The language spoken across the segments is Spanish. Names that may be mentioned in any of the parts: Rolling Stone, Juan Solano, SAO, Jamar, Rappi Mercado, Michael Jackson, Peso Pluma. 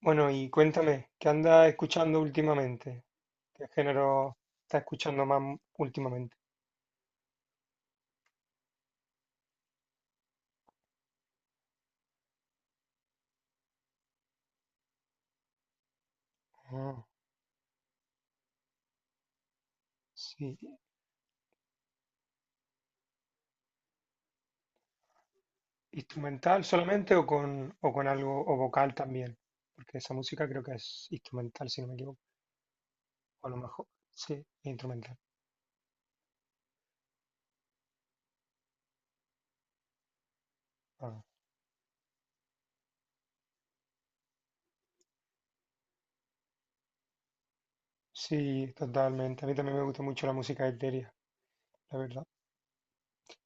Bueno, y cuéntame, ¿qué andas escuchando últimamente? ¿Qué género estás escuchando más últimamente? Ah, sí. ¿Instrumental solamente o con algo, o vocal también? Porque esa música creo que es instrumental, si no me equivoco. O a lo mejor, sí, instrumental. Ah, sí, totalmente. A mí también me gusta mucho la música etérea, la verdad.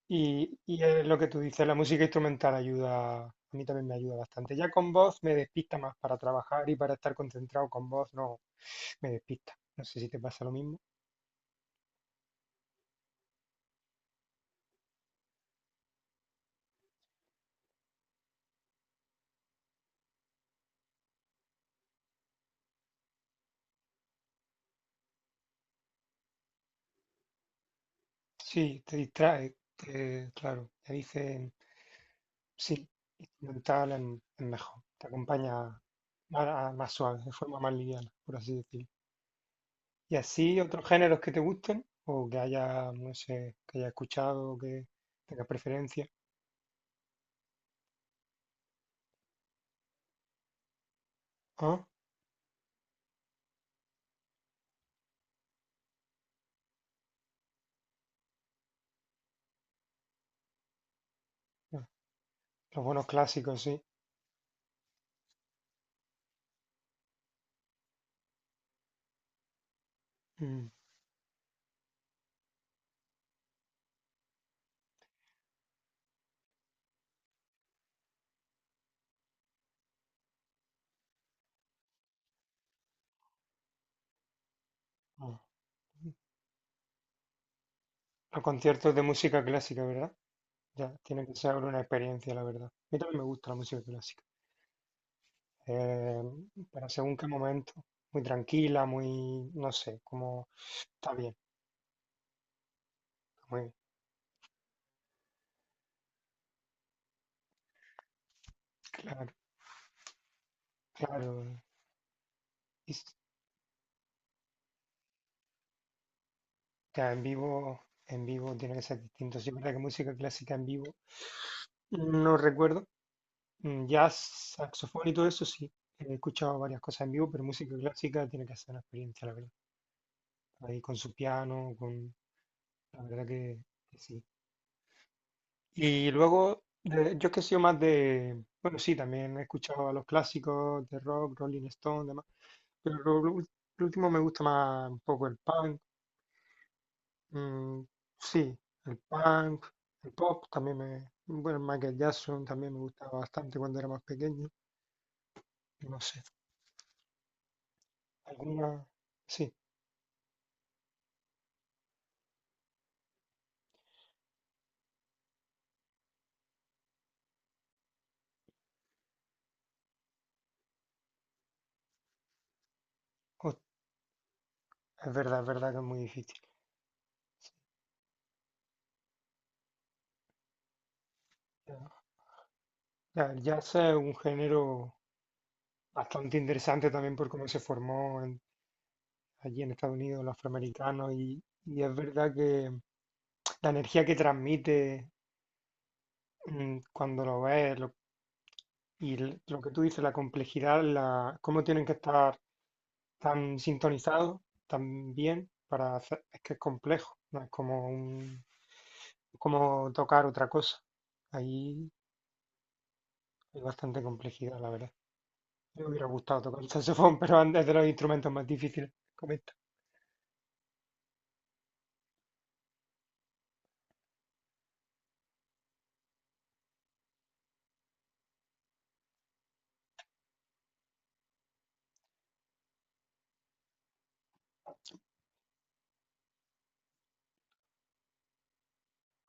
Y es lo que tú dices, la música instrumental ayuda, a mí también me ayuda bastante. Ya con voz me despista más para trabajar y para estar concentrado con voz, no me despista. No sé si te pasa lo mismo. Sí, te distrae, claro. Te dicen, sí, instrumental en es mejor. Te acompaña más, más suave, de forma más liviana, por así decirlo. Y así, otros géneros que te gusten, o que haya, no sé, que haya escuchado, que tengas preferencia. Ah, ah, los buenos clásicos, sí. Mm, ah. Los conciertos de música clásica, ¿verdad? Ya, tiene que ser una experiencia, la verdad. A mí también me gusta la música clásica. eh, pero según qué momento, muy tranquila, muy, no sé, como está bien, muy claro, claro. Y s- ya en vivo tiene que ser distinto. Sí, es verdad que música clásica en vivo, no recuerdo. Mm. Jazz, saxofón y todo eso, sí. He escuchado varias cosas en vivo, pero música clásica tiene que ser una experiencia, la verdad. Ahí con su piano, con... La verdad que sí. Y luego, yo es que he sido más de, bueno, sí, también he escuchado a los clásicos de rock, Rolling Stone, demás, pero lo último me gusta más un poco el punk, mm, sí, el punk, el pop también me, bueno, Michael Jackson también me gustaba bastante cuando era más pequeño, no sé, alguna, sí, o- es verdad que es muy difícil. Ya, ya, el jazz es un género bastante interesante también por cómo se formó allí en Estados Unidos, los afroamericanos, y es verdad que la energía que transmite mm, cuando y lo que tú dices, la complejidad, la, cómo tienen que estar tan sintonizados, tan bien, para hacer, es que es complejo, no es como un, como tocar otra cosa. Ahí hay bastante complejidad, la verdad. Me hubiera gustado tocar el saxofón, pero es de los instrumentos más difíciles. Comenta.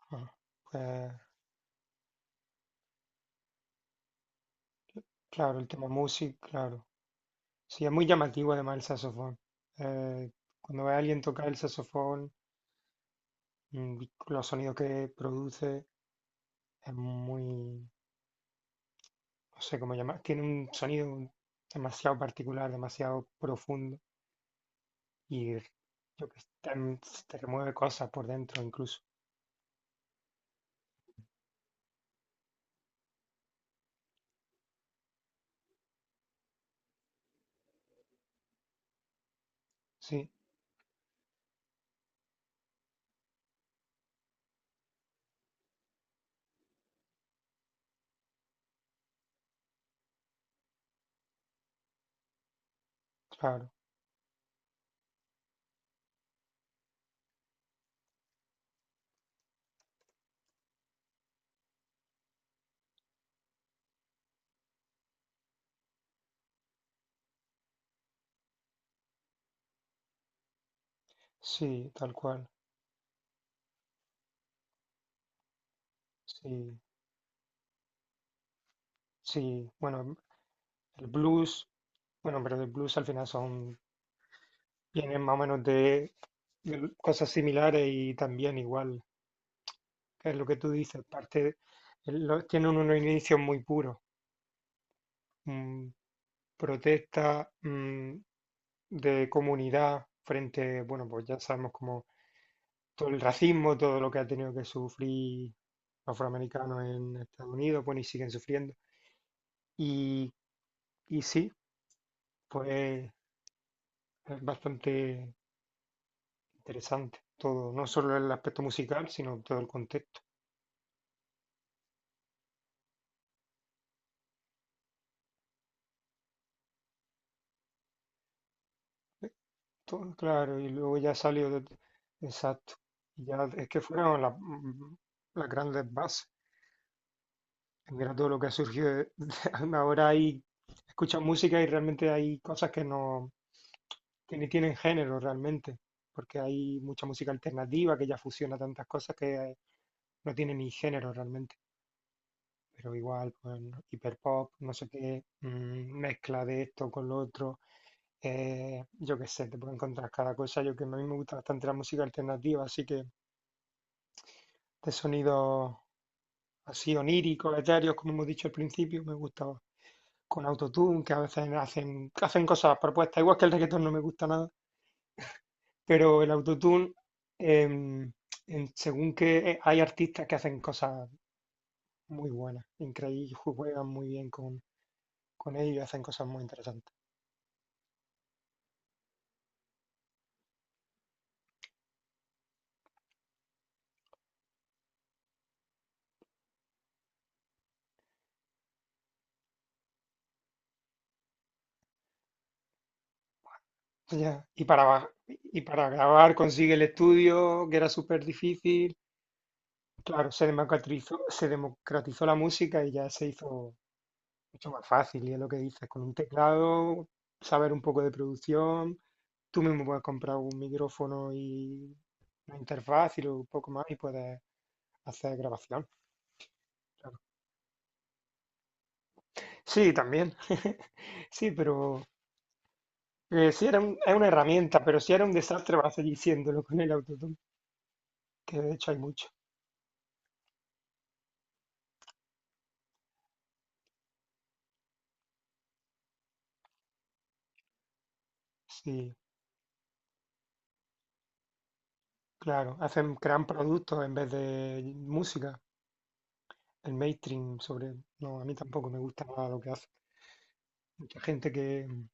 Ajá. Pues claro, el tema music, claro. Sí, es muy llamativo además el saxofón. Eh, cuando ve a alguien tocar el saxofón, mm, los sonidos que produce, es muy, no sé cómo llamar, tiene un sonido demasiado particular, demasiado profundo y yo que sé, te remueve cosas por dentro incluso. Sí, claro, sí, tal cual. Sí, sí, bueno, el blues, bueno, pero el blues al final son vienen más o menos de cosas similares y también igual, es lo que tú dices, parte, tienen unos inicios muy puros, mm, protesta, mm, de comunidad frente, bueno, pues ya sabemos como todo el racismo, todo lo que ha tenido que sufrir los afroamericanos en Estados Unidos, bueno, y siguen sufriendo. Y, y sí, pues es bastante interesante todo, no solo el aspecto musical, sino todo el contexto. Todo, claro, y luego ya salió de, exacto. Y ya es que fueron las, mm, las grandes bases. Mira todo lo que ha surgido. Ahora hay, escuchas música y realmente hay cosas que no, que ni tienen género realmente, porque hay mucha música alternativa que ya fusiona tantas cosas que no tiene ni género realmente, pero igual, pues, hiperpop, no sé qué, mm, mezcla de esto con lo otro, yo qué sé, te puedo encontrar cada cosa. Yo que a mí me gusta bastante la música alternativa, así que de sonidos así oníricos, etéreos, como hemos dicho al principio, me gusta con autotune, que a veces hacen, hacen cosas propuestas, igual que el reggaetón no me gusta nada, pero el autotune, em, según que hay artistas que hacen cosas muy buena, increíble, juegan muy bien con ellos y hacen cosas muy interesantes. Ya, y para, y para grabar consigue el estudio, que era súper difícil. Claro, se democratizó la música y ya se hizo mucho más fácil, y es lo que dices, con un teclado, saber un poco de producción, tú mismo puedes comprar un micrófono y una interfaz y luego un poco más y puedes hacer grabación. Claro. Sí, también. Sí, pero... sí, es una herramienta, pero si era un desastre vas a seguir siéndolo con el autotune, que de hecho hay mucho. Sí, claro, hacen, crean productos en vez de música, el mainstream sobre... No, a mí tampoco me gusta nada lo que hace. Mucha gente que... mm,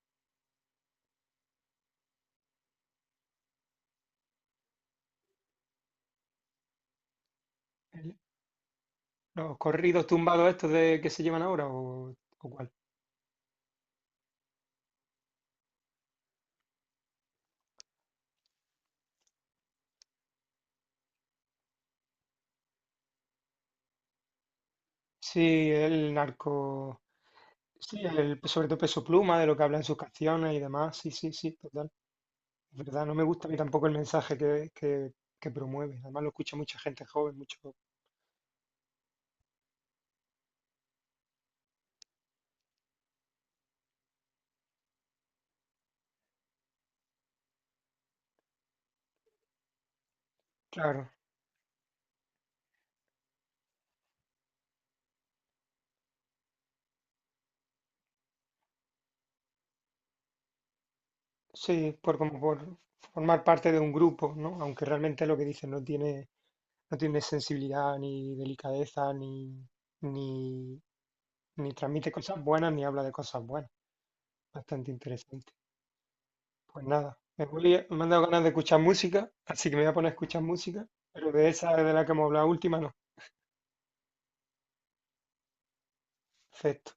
el- los corridos tumbados estos de, que se llevan ahora, o cuál. Sí, el narco... Sí, el, sobre todo Peso Pluma, de lo que habla en sus canciones y demás. Sí, sí, sí, es verdad, no me gusta a mí tampoco el mensaje que promueve. Además lo escucha mucha gente joven, mucho. Claro, sí, por como por formar parte de un grupo, ¿no? Aunque realmente lo que dice no tiene, no tiene sensibilidad, ni delicadeza, ni, ni, ni transmite cosas buenas, ni habla de cosas buenas. Bastante interesante. Pues nada, me han dado ganas de escuchar música, así que me voy a poner a escuchar música, pero de esa de la que hemos hablado última no. Perfecto.